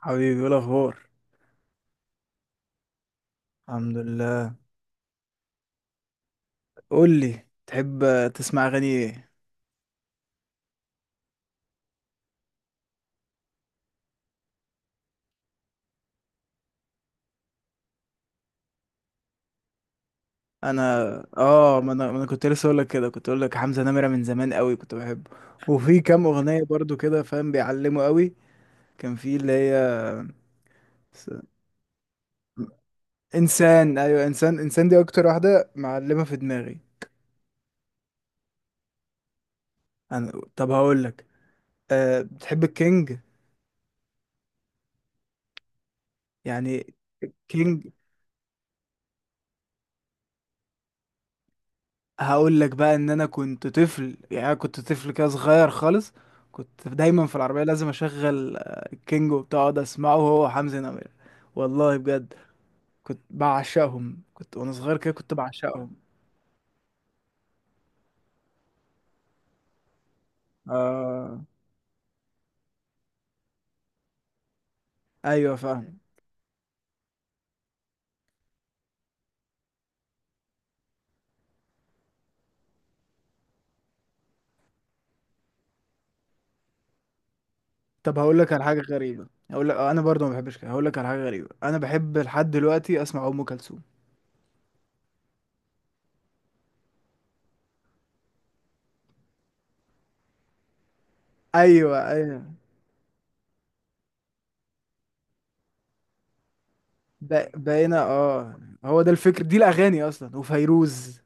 حبيبي ايه الاخبار؟ الحمد لله. قول لي، تحب تسمع اغاني ايه؟ انا اه، ما انا كنت لسه اقول لك كده، كنت اقول لك حمزة نمرة من زمان قوي كنت بحبه. وفي كام اغنية برضو كده فاهم بيعلموا قوي. كان في اللي هي س- انسان، ايوه، انسان دي اكتر واحدة معلمة في دماغي. انا طب هقول لك، أه بتحب الكينج يعني؟ كينج، هقول لك بقى ان انا كنت طفل، يعني أنا كنت طفل كده صغير خالص، كنت دايما في العربيه لازم اشغل الكينج وبتاع، اقعد اسمعه هو وحمزة نمرة. والله بجد كنت بعشقهم، كنت وانا صغير كده كنت بعشقهم. آه، ايوه فاهم. طب هقول لك على حاجه غريبه، هقول لك انا برضو ما بحبش كده، هقول لك على حاجه غريبه، انا بحب لحد دلوقتي اسمع ام كلثوم. ايوه ايوه، بقينا اه. هو ده الفكر، دي الاغاني اصلا، وفيروز.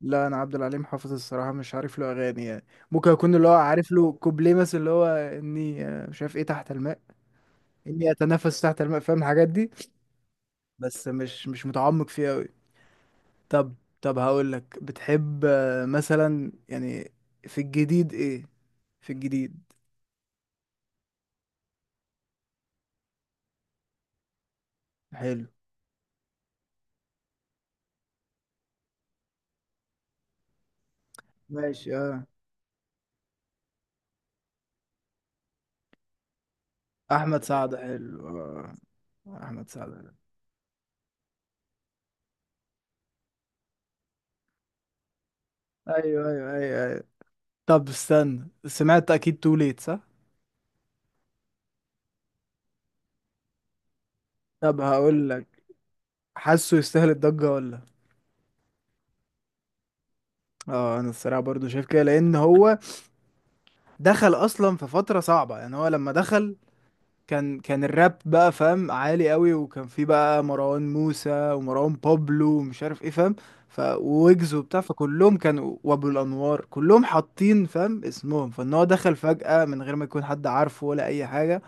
لا انا عبد العليم حافظ الصراحه مش عارف له اغاني يعني. ممكن اكون اللي هو عارف له كوبليه مثلا، اللي هو اني مش عارف ايه، تحت الماء، اني اتنفس تحت الماء، فاهم الحاجات دي. بس مش متعمق فيها قوي. طب، طب هقول لك بتحب مثلا يعني في الجديد ايه؟ في الجديد. حلو. ماشي اه. احمد سعد حلو آه. احمد سعد حلو. ايوه ايوه ايوه ايوه. طب استنى، سمعت اكيد تو ليت صح؟ طب هقول لك، حاسه يستاهل الضجه ولا لأ؟ اه انا الصراحه برضو شايف كده، لان هو دخل اصلا في فتره صعبه، يعني هو لما دخل كان الراب بقى فاهم عالي قوي، وكان في بقى مروان موسى ومروان بابلو ومش عارف ايه فاهم، ف ويجز وبتاع، فكلهم كانوا وابو الانوار كلهم حاطين فاهم اسمهم، فان هو دخل فجأة من غير ما يكون حد عارفه ولا اي حاجه،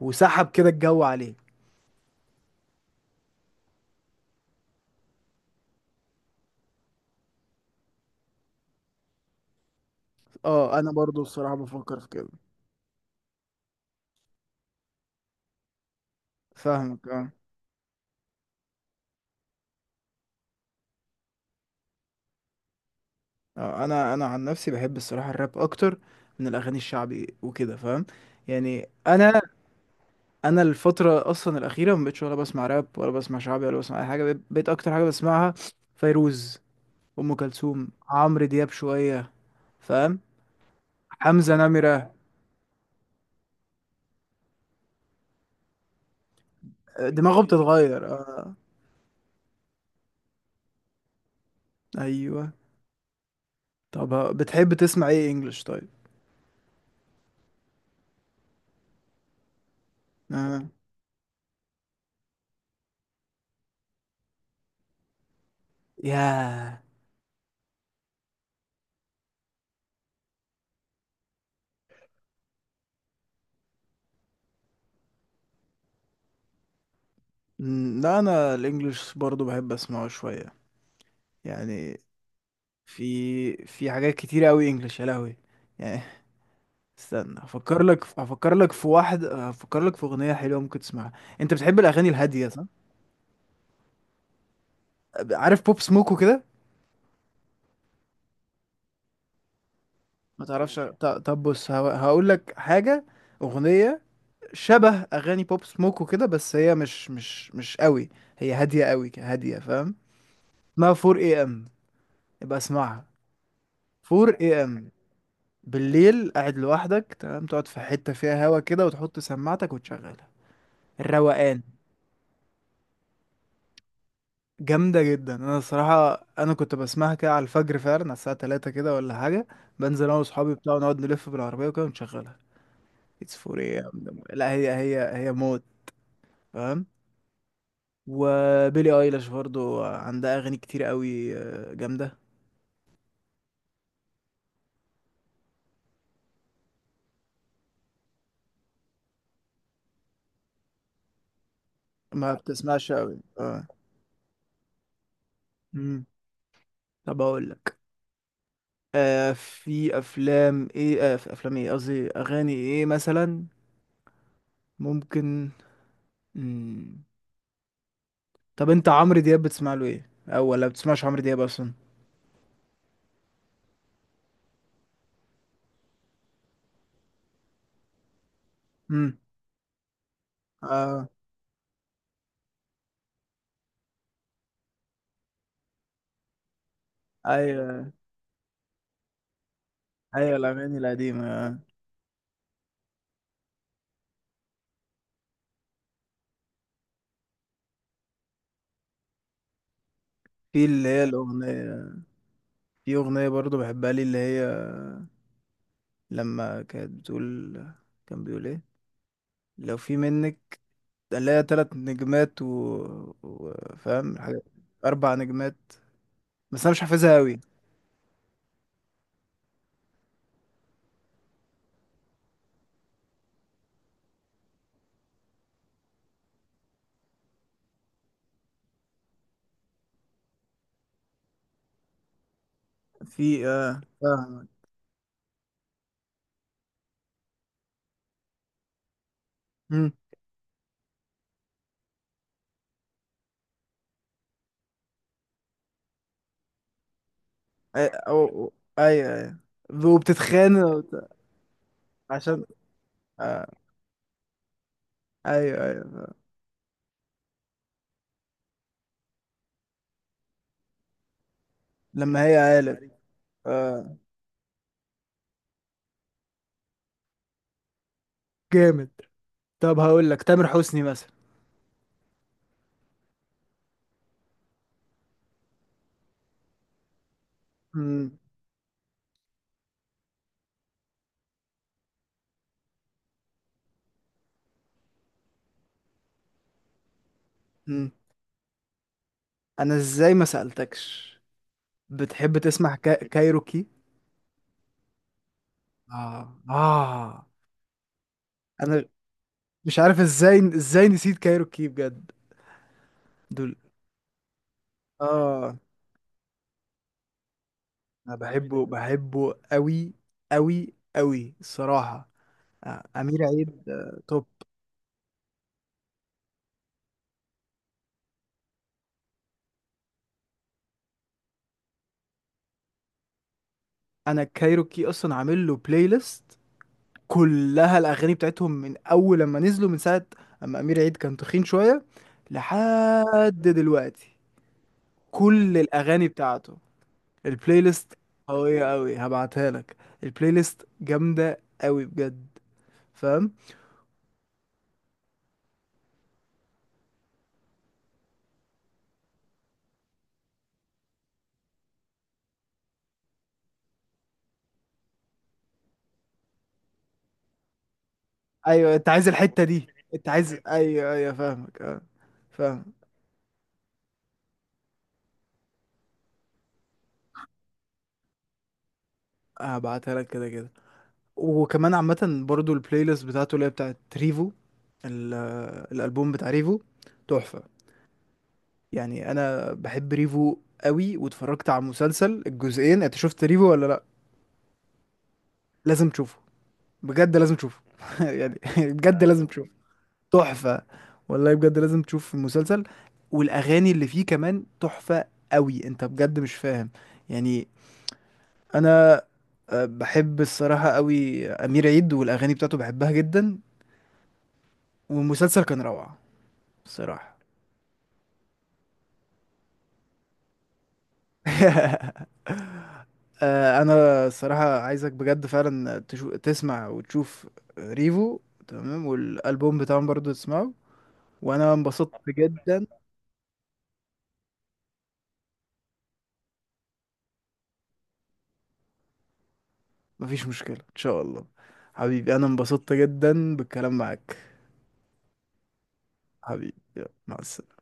وسحب كده الجو عليه. اه انا برضو الصراحه بفكر في كده. فاهمك اه. اه انا عن نفسي بحب الصراحه الراب اكتر من الاغاني الشعبي وكده فاهم، يعني انا. انا الفتره اصلا الاخيره ما بقتش ولا بسمع راب ولا بسمع شعبي ولا بسمع اي حاجه، بقيت اكتر حاجه بسمعها فيروز، ام كلثوم، عمرو دياب شويه، فاهم، حمزه نمره. دماغه بتتغير اه. ايوه. طب، بتحب تسمع ايه انجلش طيب؟ اه. ياه. مم، لا انا الانجليش برضو بحب اسمعه شويه يعني. في في حاجات كتير قوي انجلش يا لهوي يعني. استنى، افكر لك، افكر لك في واحد، افكر لك في اغنيه حلوه ممكن تسمعها. انت بتحب الاغاني الهاديه صح؟ عارف بوب سموك وكده؟ ما تعرفش؟ طب بص هقول لك حاجه، اغنيه شبه اغاني بوب سموك وكده، بس هي مش قوي، هي هاديه قوي، هاديه فاهم. اسمها 4 AM اي ام، يبقى اسمعها. 4 AM اي ام بالليل، قاعد لوحدك، تمام، تقعد في حته فيها هوا كده وتحط سماعتك وتشغلها، الروقان. جامدة جدا، انا الصراحة انا كنت بسمعها كده على الفجر فعلا، على الساعة 3 كده ولا حاجة، بنزل انا واصحابي بتاع ونقعد نلف بالعربية وكده ونشغلها. اتس فور ايه يا عم؟ لا هي، هي موت فاهم. وبيلي ايلاش برضو عندها اغاني كتير قوي جامدة. ما بتسمعش قوي اه. مم. طب اقول لك، آه في افلام ايه، آه في افلام ايه، قصدي اغاني ايه مثلا ممكن. مم. طب انت عمرو دياب بتسمع له ايه، او ولا بتسمعش عمرو دياب اصلا؟ اه ايوه ايوه الاغاني القديمه آه. في اللي هي الاغنيه، في اغنيه برضو بحبها لي، اللي هي لما كانت بتقول، كان بيقول ايه، لو في منك، اللي هي تلات نجمات و... و... فاهم حاجة، اربع نجمات، بس انا مش حافظها قوي. في اه فاهمك. مم. أي... أو... أو، ايوه ايوه، وبتتخانق وبت... عشان آه. ايوه ايوه. لما هي عالم آه. جامد. طب هقول لك تامر حسني مثلا. مم. مم. انا ازاي ما سألتكش، بتحب تسمع كا... كايروكي؟ اه اه. انا مش عارف ازاي نسيت كايروكي بجد، دول. اه انا بحبه قوي، قوي قوي الصراحة. امير عيد توب. انا كايروكي اصلا عامل له بلاي ليست كلها الاغاني بتاعتهم من اول لما نزلوا من ساعة، اما امير عيد كان تخين شوية لحد دلوقتي، كل الاغاني بتاعته البلاي ليست قوية أوي، هبعتها لك. البلاي ليست جامدة أوي بجد فاهم. أيوة، أنت عايز الحتة دي. أنت عايز، أيوة أيوة فاهمك أه، فاهم. هبعتها لك كده كده، وكمان عامة برضو البلاي ليست بتاعته اللي هي بتاعت ريفو، ال- الألبوم بتاع ريفو تحفة، يعني أنا بحب ريفو أوي، واتفرجت على مسلسل الجزئين. أنت شفت ريفو ولا لأ؟ لازم تشوفه، بجد لازم تشوفه يعني بجد لازم تشوفه، تحفة والله، بجد لازم تشوف المسلسل، والأغاني اللي فيه كمان تحفة قوي، انت بجد مش فاهم يعني. انا بحب الصراحة قوي أمير عيد، والأغاني بتاعته بحبها جدا، والمسلسل كان روعة الصراحة. أنا الصراحة عايزك بجد فعلا تسمع وتشوف ريفو، تمام، والألبوم بتاعهم برضو تسمعه. وأنا انبسطت جدا. مفيش مشكلة إن شاء الله، حبيبي أنا انبسطت جدا بالكلام معاك. حبيبي يلا، مع السلامة.